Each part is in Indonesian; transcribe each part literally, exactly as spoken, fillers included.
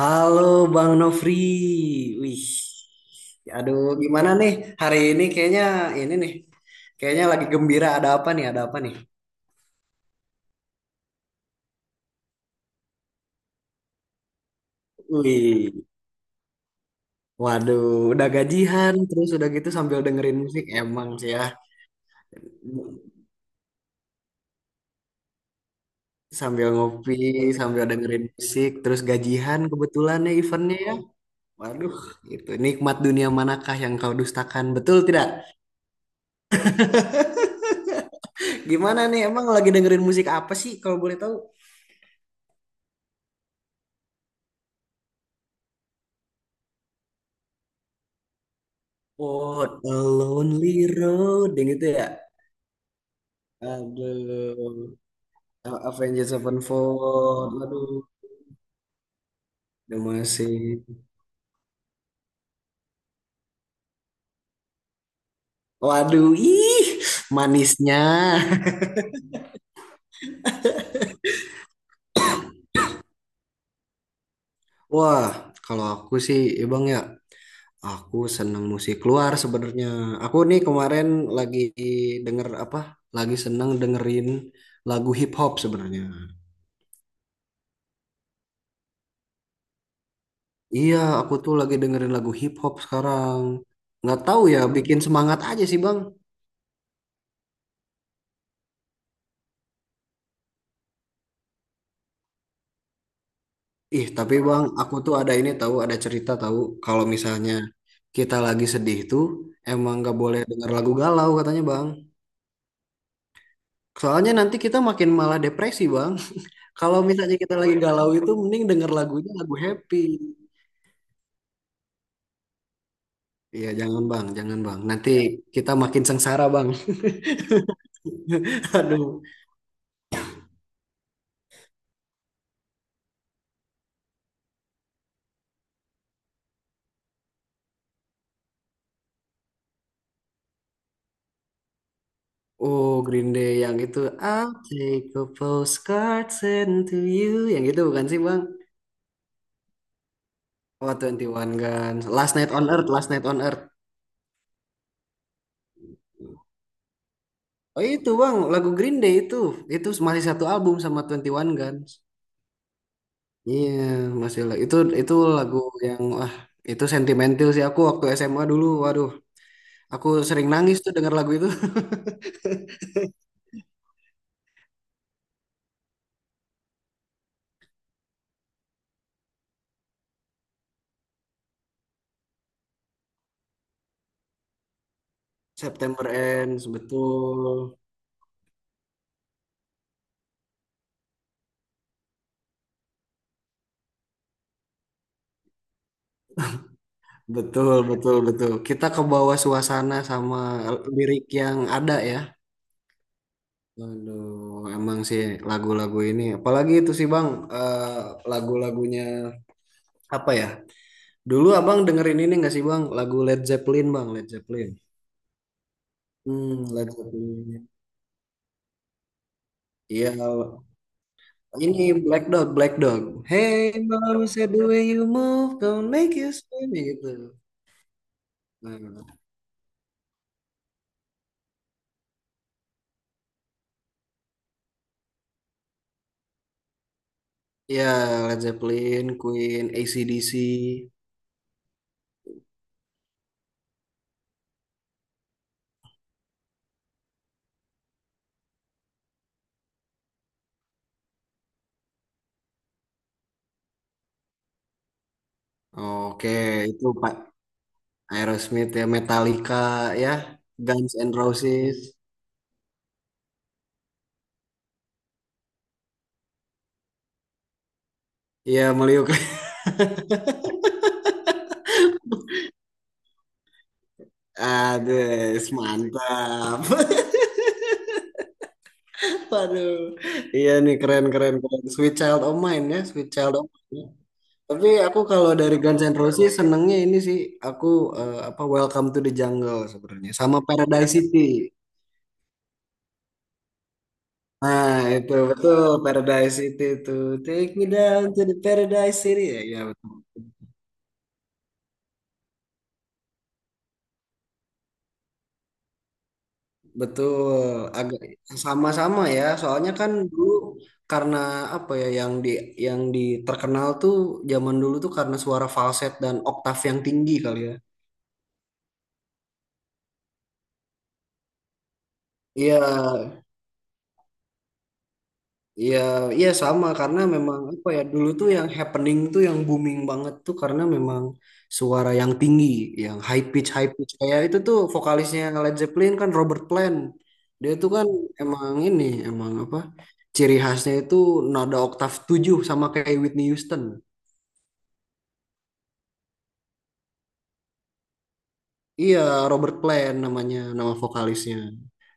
Halo Bang Nofri, wih, aduh gimana nih hari ini kayaknya ini nih, kayaknya lagi gembira ada apa nih, ada apa nih? Wih, waduh, udah gajian terus udah gitu sambil dengerin musik emang sih ya, sambil ngopi sambil dengerin musik terus gajian kebetulan ya eventnya ya, waduh itu nikmat dunia manakah yang kau dustakan betul tidak? Gimana nih emang lagi dengerin musik apa sih kalau boleh tahu? What a Lonely Road yang itu ya. Aduh, A- Avengers Sevenfold. Aduh, udah masih. Waduh, ih, manisnya. Wah, kalau aku sih, ya Bang ya, aku seneng musik luar sebenarnya. Aku nih kemarin lagi denger apa? Lagi seneng dengerin lagu hip hop sebenarnya. Iya, aku tuh lagi dengerin lagu hip hop sekarang. Nggak tahu ya, bikin semangat aja sih Bang. Ih, tapi Bang, aku tuh ada ini tahu, ada cerita tahu kalau misalnya kita lagi sedih tuh emang nggak boleh denger lagu galau katanya, Bang. Soalnya nanti kita makin malah depresi, Bang. Kalau misalnya kita lagi galau itu mending denger lagunya lagu happy. Iya, jangan, Bang, jangan, Bang. Nanti kita makin sengsara, Bang. Aduh. Oh, Green Day yang itu I'll take a postcard sent to you. Yang itu bukan sih, Bang? Oh, twenty one Guns. Last Night on Earth, Last Night on Earth. Oh itu bang, lagu Green Day itu, itu masih satu album sama Twenty One Guns. Iya, masih la- itu itu lagu yang wah itu sentimental sih aku waktu S M A dulu. Waduh, aku sering nangis tuh denger lagu itu. September Ends, betul, betul, betul, betul. Kita ke bawah suasana sama lirik yang ada ya. Waduh, emang sih lagu-lagu ini, apalagi itu sih bang, eh, lagu-lagunya apa ya? Dulu abang dengerin ini nggak sih bang? Lagu Led Zeppelin bang, Led Zeppelin. Hmm, Led Zeppelin. Iya, ini Black Dog, Black Dog. Hey, Mama said the way you move, don't make you spin gitu. Nah, ya Led Zeppelin, Queen, A C/D C. Oke, itu Pak Aerosmith ya, Metallica ya, Guns N' Roses. Iya, meliuk. Ades, mantap. Waduh. Iya nih keren keren keren. Sweet Child of Mine ya, Sweet Child of Mine. Ya. Tapi aku kalau dari Guns N' Roses senengnya ini sih aku eh, apa Welcome to the Jungle sebenarnya sama Paradise City. Nah, itu betul Paradise City itu. Take me down to the Paradise City. Ya, ya, betul. Betul, agak sama-sama ya. Soalnya kan dulu karena apa ya yang di yang di terkenal tuh zaman dulu tuh karena suara falset dan oktav yang tinggi kali ya. Iya, iya, iya sama karena memang apa ya dulu tuh yang happening tuh yang booming banget tuh karena memang suara yang tinggi, yang high pitch high pitch kayak itu tuh vokalisnya Led Zeppelin kan Robert Plant. Dia tuh kan emang ini emang apa ciri khasnya itu nada oktav tujuh sama kayak Whitney Houston. Iya, Robert Plant namanya nama vokalisnya.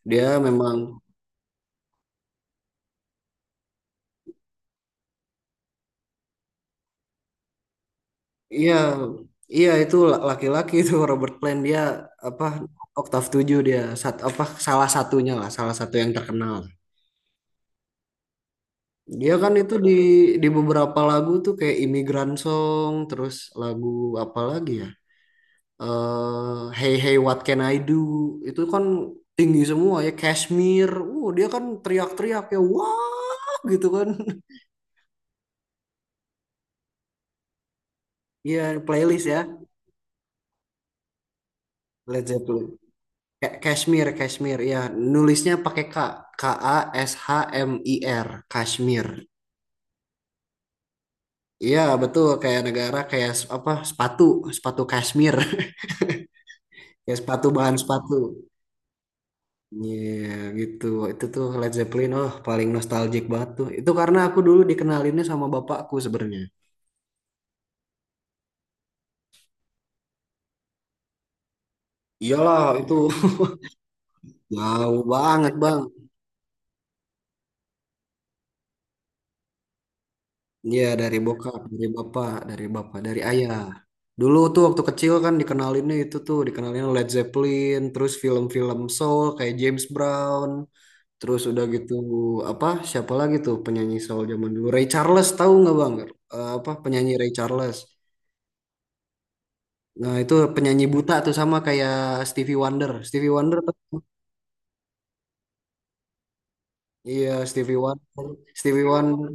Dia memang. Iya, iya, itu laki-laki itu Robert Plant dia apa oktav tujuh dia sat, apa salah satunya lah, salah satu yang terkenal. Dia kan itu di di beberapa lagu tuh kayak Immigrant Song, terus lagu apa lagi ya? eh Hey Hey What Can I Do itu kan tinggi semua ya Kashmir. Uh, dia kan teriak-teriak ya wah gitu kan. Iya, playlist ya Led Zeppelin. Kashmir, Kashmir, ya nulisnya pakai K, K A S H M I R, Kashmir. Iya betul, kayak negara kayak s- apa sepatu, sepatu Kashmir, kayak sepatu bahan sepatu. Iya gitu, itu tuh Led Zeppelin, oh paling nostalgic banget tuh. Itu karena aku dulu dikenalinnya sama bapakku sebenarnya. Iyalah itu jauh banget bang. Iya dari bokap, dari bapak, dari bapak, dari ayah. Dulu tuh waktu kecil kan dikenalinnya itu tuh dikenalin Led Zeppelin, terus film-film soul kayak James Brown, terus udah gitu apa siapa lagi tuh penyanyi soul zaman dulu Ray Charles tahu nggak bang? Eh, apa penyanyi Ray Charles? Nah itu penyanyi buta tuh sama kayak Stevie Wonder. Stevie Wonder tuh iya Stevie Wonder, Stevie Wonder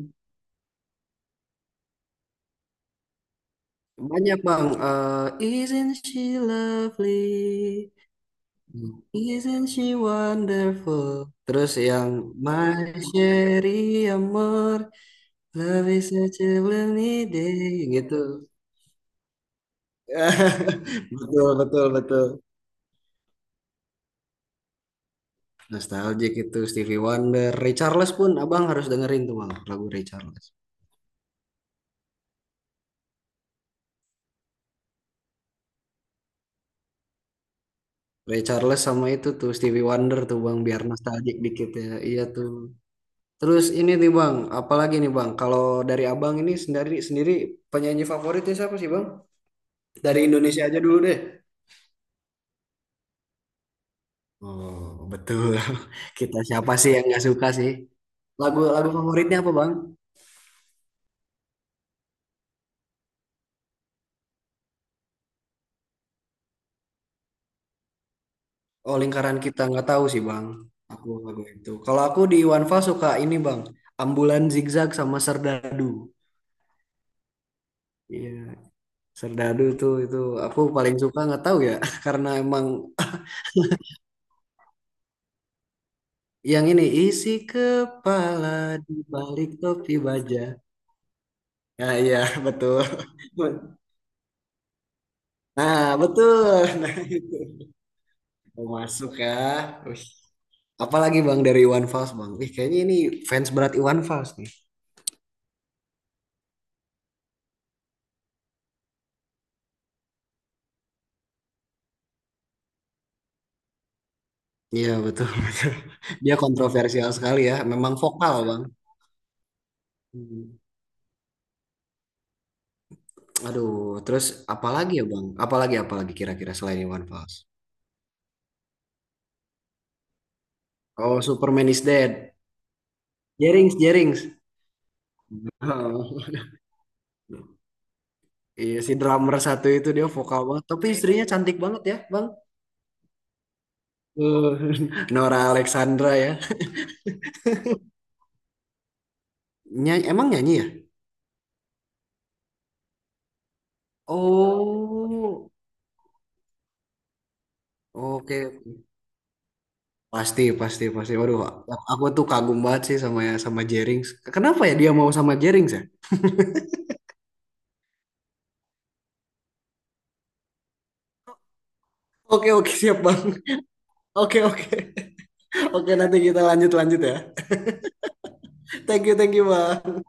banyak bang. Eh, Isn't she lovely? Isn't she wonderful? Terus yang My Sherry Amor, love is such a lonely day, gitu. Betul, betul, betul. Nostalgic itu Stevie Wonder. Ray Charles pun abang harus dengerin tuh bang, lagu Ray Charles. Ray Charles sama itu tuh Stevie Wonder tuh bang, biar nostalgic dikit ya. Iya tuh. Terus ini nih bang, apalagi nih bang, kalau dari abang ini sendiri sendiri penyanyi favoritnya siapa sih bang? Dari Indonesia aja dulu deh. Oh, betul. Kita siapa sih yang nggak suka sih? Lagu lagu favoritnya apa, Bang? Oh, lingkaran kita nggak tahu sih, Bang. Aku lagu itu. Kalau aku di Iwanfa suka ini, Bang. Ambulan Zigzag sama Serdadu. Iya, Serdadu tuh itu aku paling suka nggak tahu ya, karena emang yang ini isi kepala di balik topi baja. Nah, iya, betul. Nah, betul. Nah, itu. Mau masuk ya. Wih. Apalagi Bang dari Iwan Fals Bang. Wih, kayaknya ini fans berat Iwan Fals nih. Iya betul, betul. Dia kontroversial sekali ya. Memang vokal Bang. Hmm. Aduh, terus apalagi ya Bang? Apalagi apalagi kira-kira selain Iwan Fals? Oh, Superman is Dead. Jerings, Jerings. Oh, iya si drummer satu itu dia vokal banget. Tapi istrinya cantik banget ya Bang. Eh, Nora Alexandra ya. Nyanyi, emang nyanyi ya? Oh, oke. Pasti, pasti, pasti. Waduh, aku aku tuh kagum banget sih sama ya, sama Jerings. Kenapa ya dia mau sama Jerings ya? Oke, oke, siap Bang. Oke, oke. Oke, nanti kita lanjut-lanjut ya. Thank you, thank you Bang.